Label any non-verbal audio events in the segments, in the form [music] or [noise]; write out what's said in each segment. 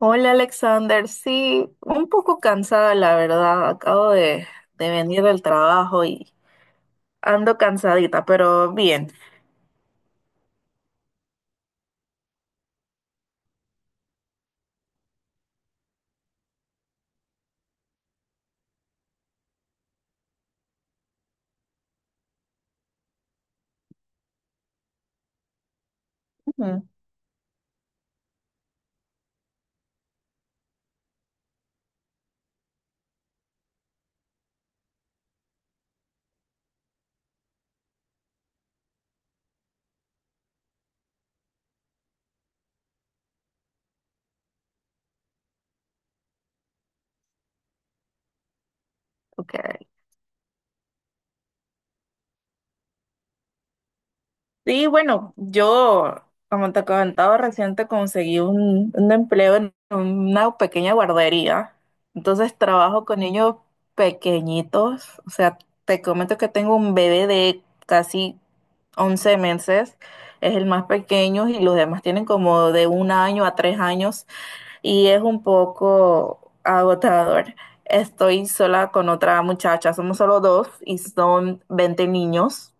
Hola Alexander, sí, un poco cansada la verdad, acabo de venir del trabajo y ando cansadita, pero bien. Ujú. Ok. Sí, bueno, yo, como te comentaba, reciente conseguí un empleo en una pequeña guardería, entonces trabajo con niños pequeñitos. O sea, te comento que tengo un bebé de casi 11 meses, es el más pequeño, y los demás tienen como de 1 año a 3 años. Y es un poco agotador. Estoy sola con otra muchacha, somos solo dos y son 20 niños,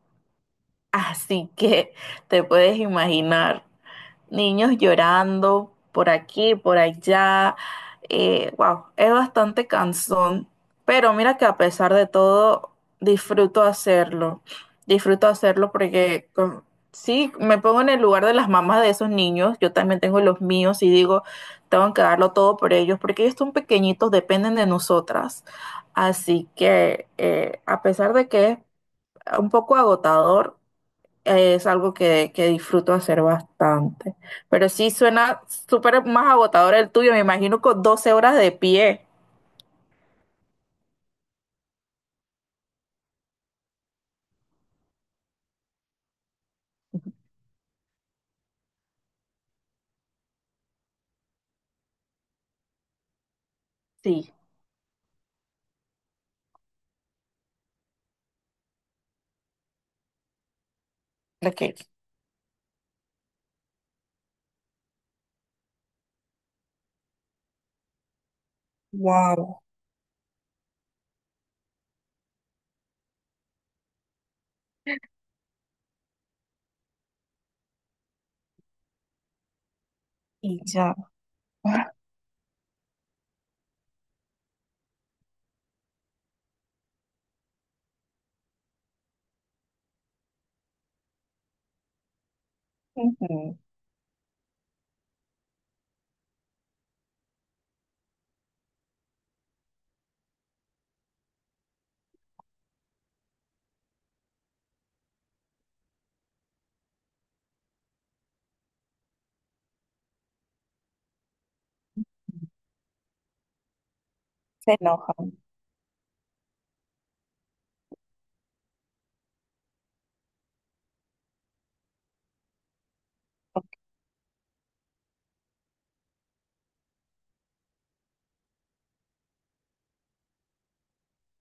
así que te puedes imaginar, niños llorando por aquí, por allá. Wow, es bastante cansón, pero mira que, a pesar de todo, disfruto hacerlo. Disfruto hacerlo sí, me pongo en el lugar de las mamás de esos niños. Yo también tengo los míos y digo, tengo que darlo todo por ellos porque ellos son pequeñitos, dependen de nosotras. Así que, a pesar de que es un poco agotador, es algo que disfruto hacer bastante. Pero sí suena súper más agotador el tuyo, me imagino con 12 horas de pie. Sí, lo que... Wow. Y ya. Ujú. Se enoja.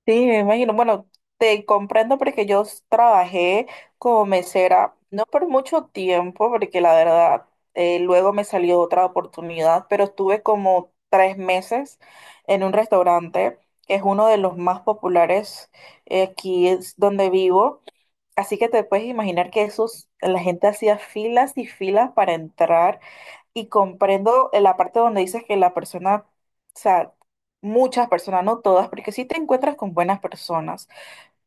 Sí, me imagino. Bueno, te comprendo porque trabajé como mesera, no por mucho tiempo, porque la verdad, luego me salió otra oportunidad, pero estuve como 3 meses en un restaurante que es uno de los más populares, aquí es donde vivo. Así que te puedes imaginar que esos, la gente hacía filas y filas para entrar. Y comprendo la parte donde dices que la persona, o sea, muchas personas, no todas, porque sí te encuentras con buenas personas,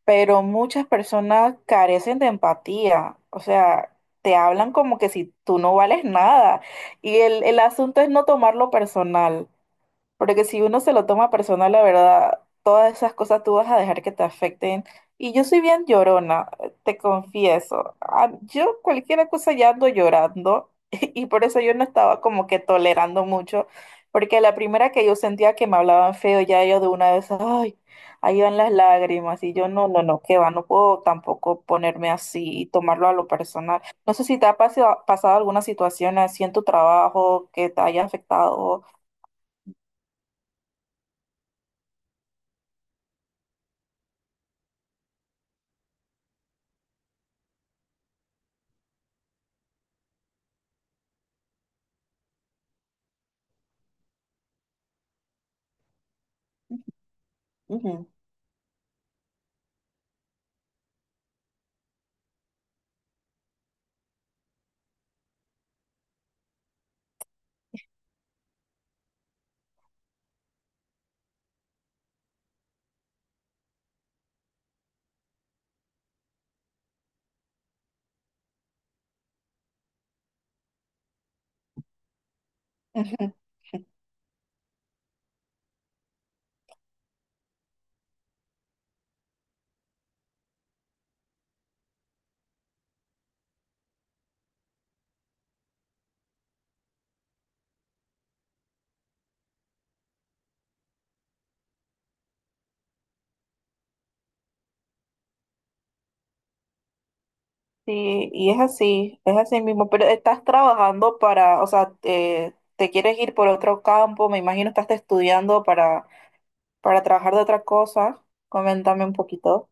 pero muchas personas carecen de empatía. O sea, te hablan como que si tú no vales nada, y el asunto es no tomarlo personal. Porque si uno se lo toma personal, la verdad, todas esas cosas tú vas a dejar que te afecten. Y yo soy bien llorona, te confieso. Ah, yo cualquier cosa ya ando llorando [laughs] y por eso yo no estaba como que tolerando mucho, porque la primera que yo sentía que me hablaban feo, ya yo de una vez, ay, ahí van las lágrimas, y yo no, no, no, qué va, no puedo tampoco ponerme así y tomarlo a lo personal. No sé si te ha pasado, pasado alguna situación así en tu trabajo que te haya afectado. Ujú. Ujú. Sí, y es así mismo, pero estás trabajando para, o sea, te quieres ir por otro campo, me imagino estás estudiando para trabajar de otra cosa, coméntame un poquito.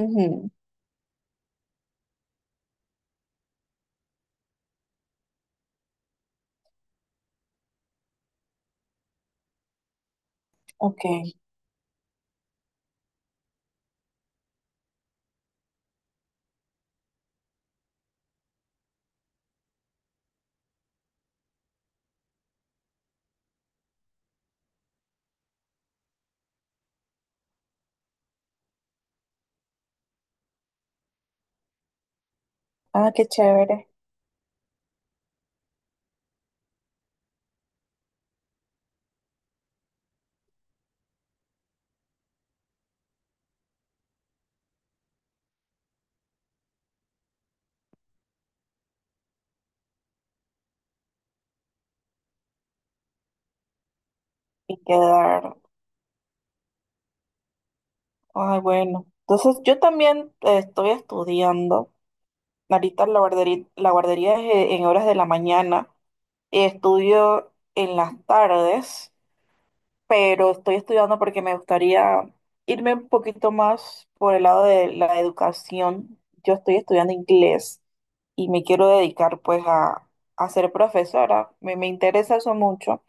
Ujú. Ok. Ah, qué chévere. Y quedar, ay, bueno, entonces yo también, estoy estudiando, ahorita la guardería es, en horas de la mañana, y estudio en las tardes, pero estoy estudiando porque me gustaría irme un poquito más por el lado de la educación. Yo estoy estudiando inglés y me quiero dedicar pues a ser profesora. Me interesa eso mucho.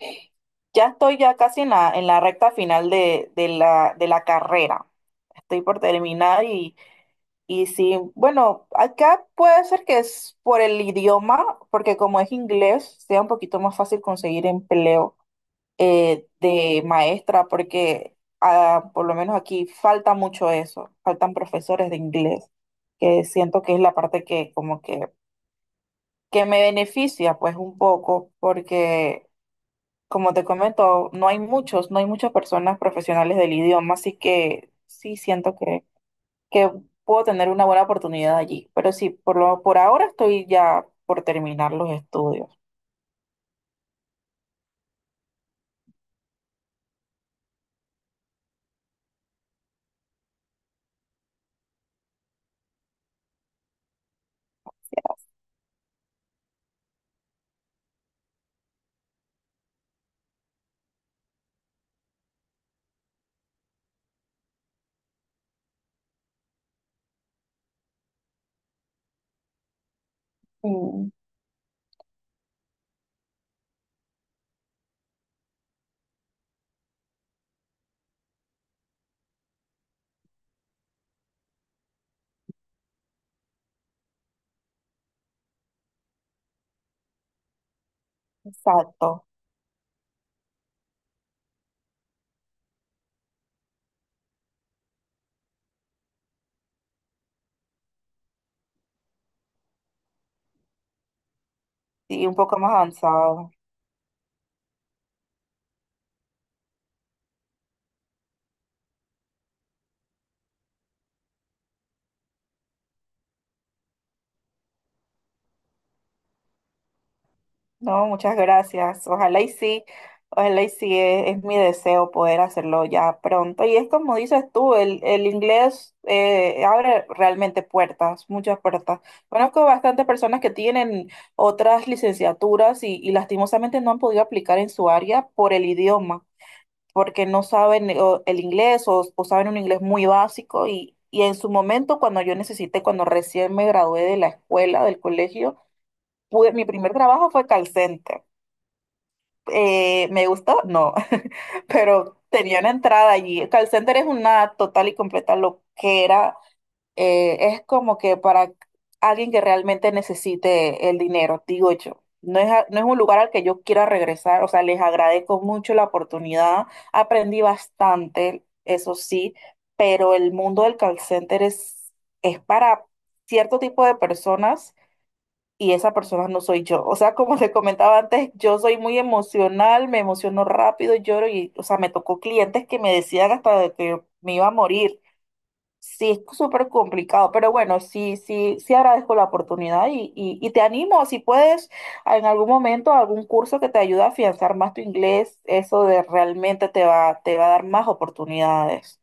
Ya estoy ya casi en la recta final de la carrera. Estoy por terminar, y sí, bueno, acá puede ser que es por el idioma, porque como es inglés, sea un poquito más fácil conseguir empleo, de maestra, porque, ah, por lo menos aquí falta mucho eso, faltan profesores de inglés, que siento que es la parte que como que me beneficia pues un poco, porque como te comento, no hay muchos, no hay muchas personas profesionales del idioma, así que sí siento que puedo tener una buena oportunidad allí. Pero sí, por lo, por ahora estoy ya por terminar los estudios. Mm. Exacto, y un poco más avanzado. No, muchas gracias. Ojalá y sí, es mi deseo poder hacerlo ya pronto. Y es como dices tú, el inglés, abre realmente puertas, muchas puertas. Conozco bastantes personas que tienen otras licenciaturas y lastimosamente no han podido aplicar en su área por el idioma, porque no saben o, el inglés o saben un inglés muy básico. Y en su momento, cuando yo necesité, cuando recién me gradué de la escuela, del colegio, mi primer trabajo fue calcente. ¿Me gustó? No, [laughs] pero tenía una entrada allí. Call center es una total y completa loquera. Es como que para alguien que realmente necesite el dinero, digo yo. No es un lugar al que yo quiera regresar, o sea, les agradezco mucho la oportunidad. Aprendí bastante, eso sí, pero el mundo del call center es para cierto tipo de personas, y esa persona no soy yo. O sea, como te comentaba antes, yo soy muy emocional, me emociono rápido, lloro y, o sea, me tocó clientes que me decían hasta de que me iba a morir. Sí, es súper complicado, pero bueno, sí, sí, sí agradezco la oportunidad, y te animo, si puedes, en algún momento, a algún curso que te ayude a afianzar más tu inglés, eso de realmente te va a dar más oportunidades.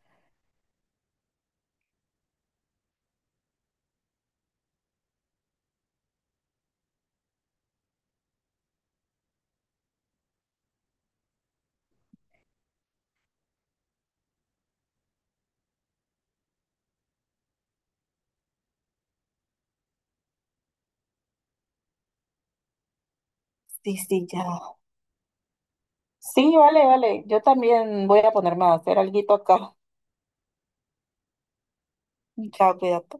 Sí, sí, ya. Sí, vale, vale. Yo también voy a ponerme a hacer alguito acá. Chao, cuídate.